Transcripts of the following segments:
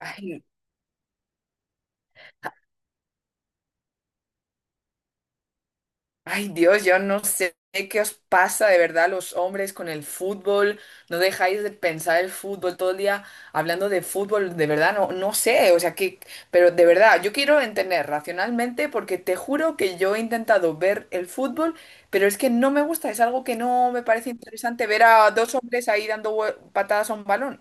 Ay, ay, Dios, yo no sé qué os pasa de verdad a los hombres con el fútbol. No dejáis de pensar el fútbol todo el día hablando de fútbol. De verdad, no sé. O sea, que, pero de verdad, yo quiero entender racionalmente porque te juro que yo he intentado ver el fútbol, pero es que no me gusta. Es algo que no me parece interesante ver a dos hombres ahí dando patadas a un balón.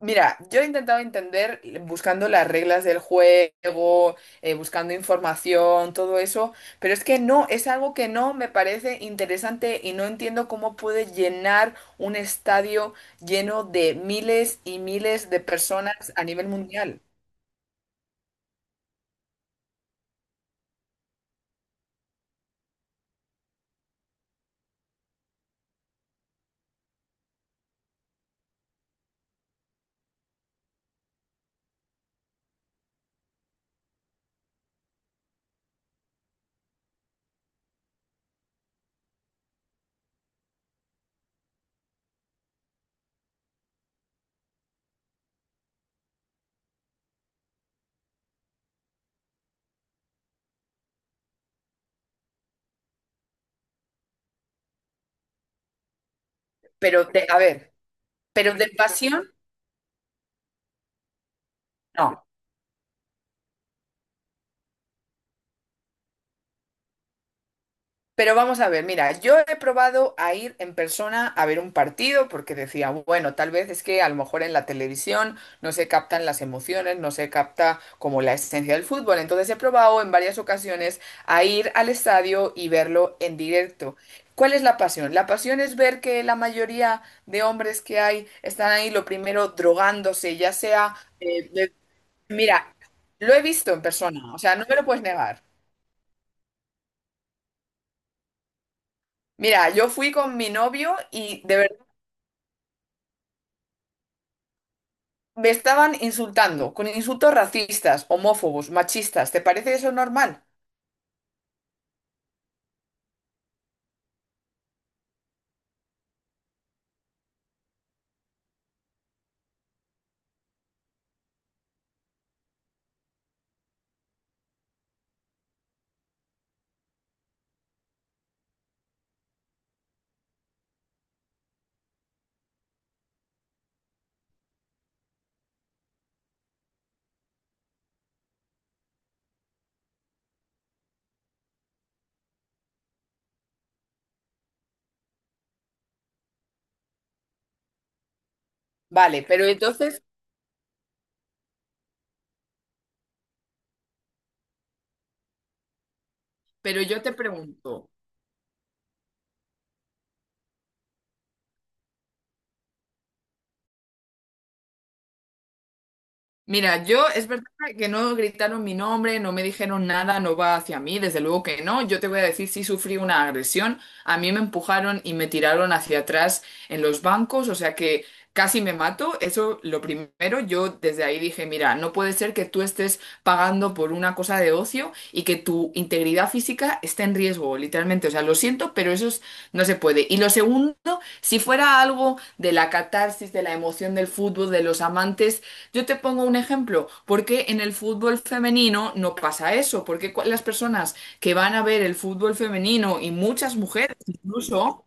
Mira, yo he intentado entender buscando las reglas del juego, buscando información, todo eso, pero es que no, es algo que no me parece interesante y no entiendo cómo puede llenar un estadio lleno de miles y miles de personas a nivel mundial. Pero de, a ver, pero de pasión, no. Pero vamos a ver, mira, yo he probado a ir en persona a ver un partido porque decía, bueno, tal vez es que a lo mejor en la televisión no se captan las emociones, no se capta como la esencia del fútbol. Entonces he probado en varias ocasiones a ir al estadio y verlo en directo. ¿Cuál es la pasión? La pasión es ver que la mayoría de hombres que hay están ahí, lo primero, drogándose, ya sea, eh, de- mira, lo he visto en persona, o sea, no me lo puedes negar. Mira, yo fui con mi novio y de verdad me estaban insultando con insultos racistas, homófobos, machistas. ¿Te parece eso normal? Vale, pero entonces, pero yo te pregunto. Mira, yo es verdad que no gritaron mi nombre, no me dijeron nada, no va hacia mí, desde luego que no. Yo te voy a decir si sufrí una agresión. A mí me empujaron y me tiraron hacia atrás en los bancos, o sea que casi me mato. Eso lo primero, yo desde ahí dije, mira, no puede ser que tú estés pagando por una cosa de ocio y que tu integridad física esté en riesgo, literalmente. O sea, lo siento, pero no se puede. Y lo segundo, si fuera algo de la catarsis, de la emoción del fútbol, de los amantes, yo te pongo un ejemplo, porque en el fútbol femenino no pasa eso, porque las personas que van a ver el fútbol femenino y muchas mujeres incluso,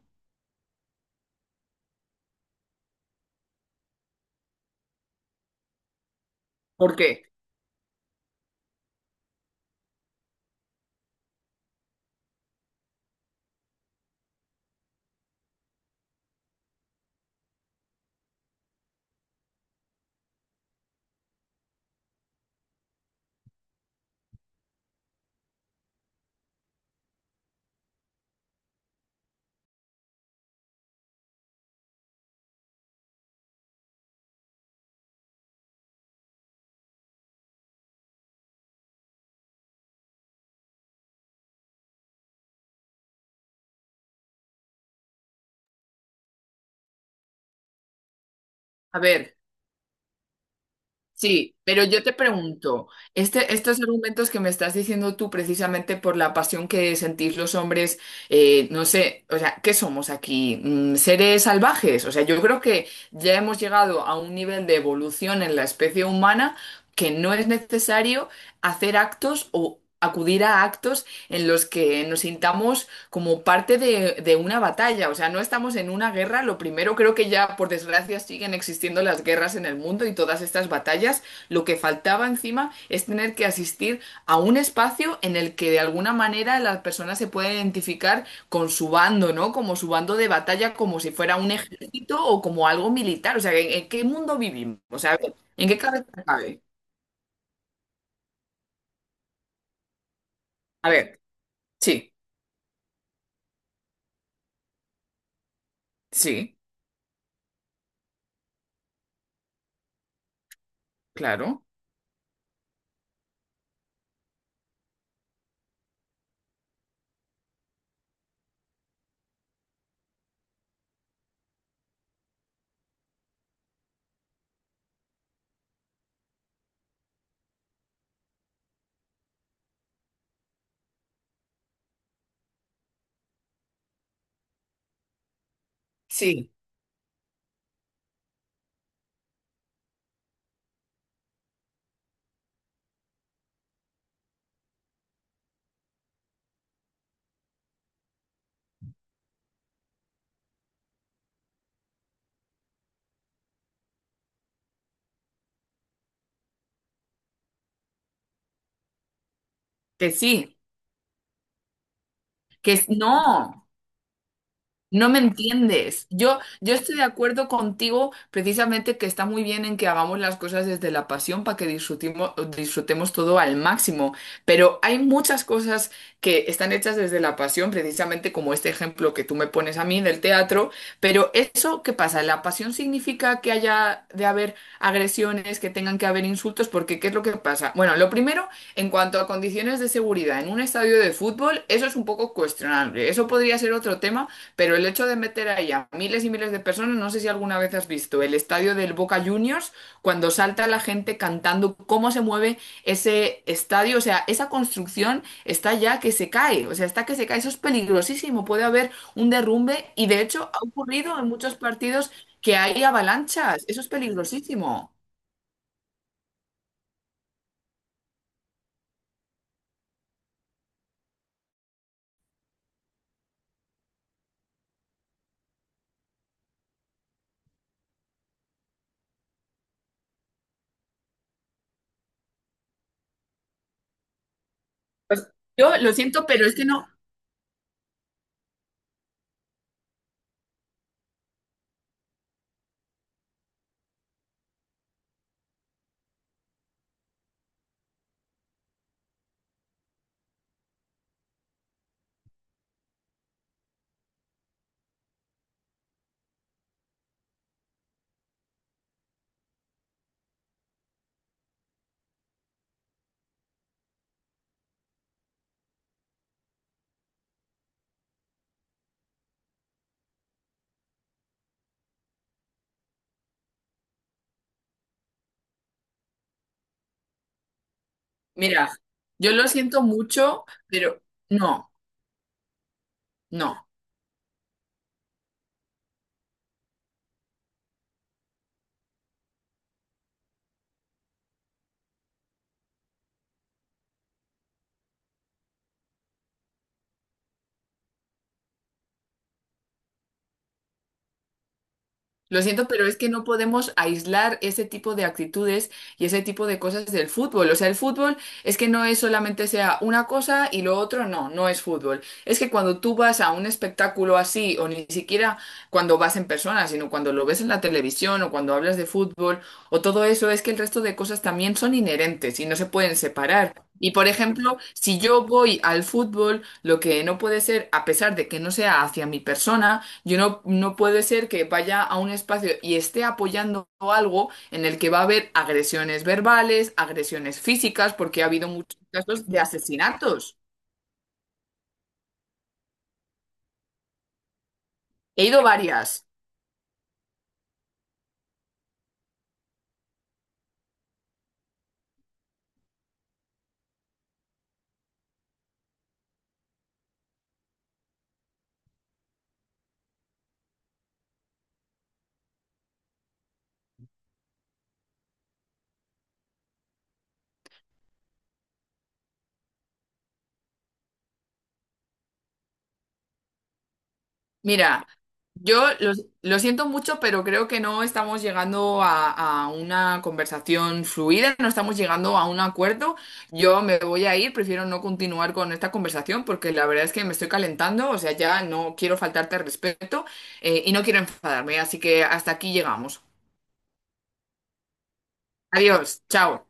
¿por qué? A ver, sí, pero yo te pregunto, este, estos argumentos que me estás diciendo tú precisamente por la pasión que sentís los hombres, no sé, o sea, ¿qué somos aquí? Mm, ¿Seres salvajes? O sea, yo creo que ya hemos llegado a un nivel de evolución en la especie humana que no es necesario hacer actos o acudir a actos en los que nos sintamos como parte de una batalla. O sea, no estamos en una guerra. Lo primero, creo que ya, por desgracia, siguen existiendo las guerras en el mundo y todas estas batallas. Lo que faltaba encima es tener que asistir a un espacio en el que de alguna manera las personas se pueden identificar con su bando, ¿no? Como su bando de batalla, como si fuera un ejército o como algo militar. O sea, en qué mundo vivimos? O sea, a ver, ¿en qué cabeza cabe? A ver, sí, sí. Claro, sí, que sí, no. No me entiendes. Yo estoy de acuerdo contigo precisamente que está muy bien en que hagamos las cosas desde la pasión para que disfrutemos todo al máximo, pero hay muchas cosas que están hechas desde la pasión, precisamente como este ejemplo que tú me pones a mí del teatro, pero eso, ¿qué pasa? ¿La pasión significa que haya de haber agresiones, que tengan que haber insultos? Porque ¿qué es lo que pasa? Bueno, lo primero, en cuanto a condiciones de seguridad en un estadio de fútbol, eso es un poco cuestionable. Eso podría ser otro tema, pero el hecho de meter ahí a miles y miles de personas, no sé si alguna vez has visto el estadio del Boca Juniors, cuando salta la gente cantando cómo se mueve ese estadio, o sea, esa construcción está ya que se cae, o sea, está que se cae, eso es peligrosísimo, puede haber un derrumbe y de hecho ha ocurrido en muchos partidos que hay avalanchas, eso es peligrosísimo. Pues, yo lo siento, pero es que no, mira, yo lo siento mucho, pero no, no. Lo siento, pero es que no podemos aislar ese tipo de actitudes y ese tipo de cosas del fútbol. O sea, el fútbol es que no es solamente sea una cosa y lo otro no, no es fútbol. Es que cuando tú vas a un espectáculo así, o ni siquiera cuando vas en persona, sino cuando lo ves en la televisión o cuando hablas de fútbol o todo eso, es que el resto de cosas también son inherentes y no se pueden separar. Y por ejemplo, si yo voy al fútbol, lo que no puede ser, a pesar de que no sea hacia mi persona, yo no, no puede ser que vaya a un espacio y esté apoyando algo en el que va a haber agresiones verbales, agresiones físicas, porque ha habido muchos casos de asesinatos. He ido varias. Mira, yo lo, lo siento mucho, pero creo que no estamos llegando a una conversación fluida, no estamos llegando a un acuerdo. Yo me voy a ir, prefiero no continuar con esta conversación porque la verdad es que me estoy calentando, o sea, ya no quiero faltarte al respeto, y no quiero enfadarme, así que hasta aquí llegamos. Adiós, chao.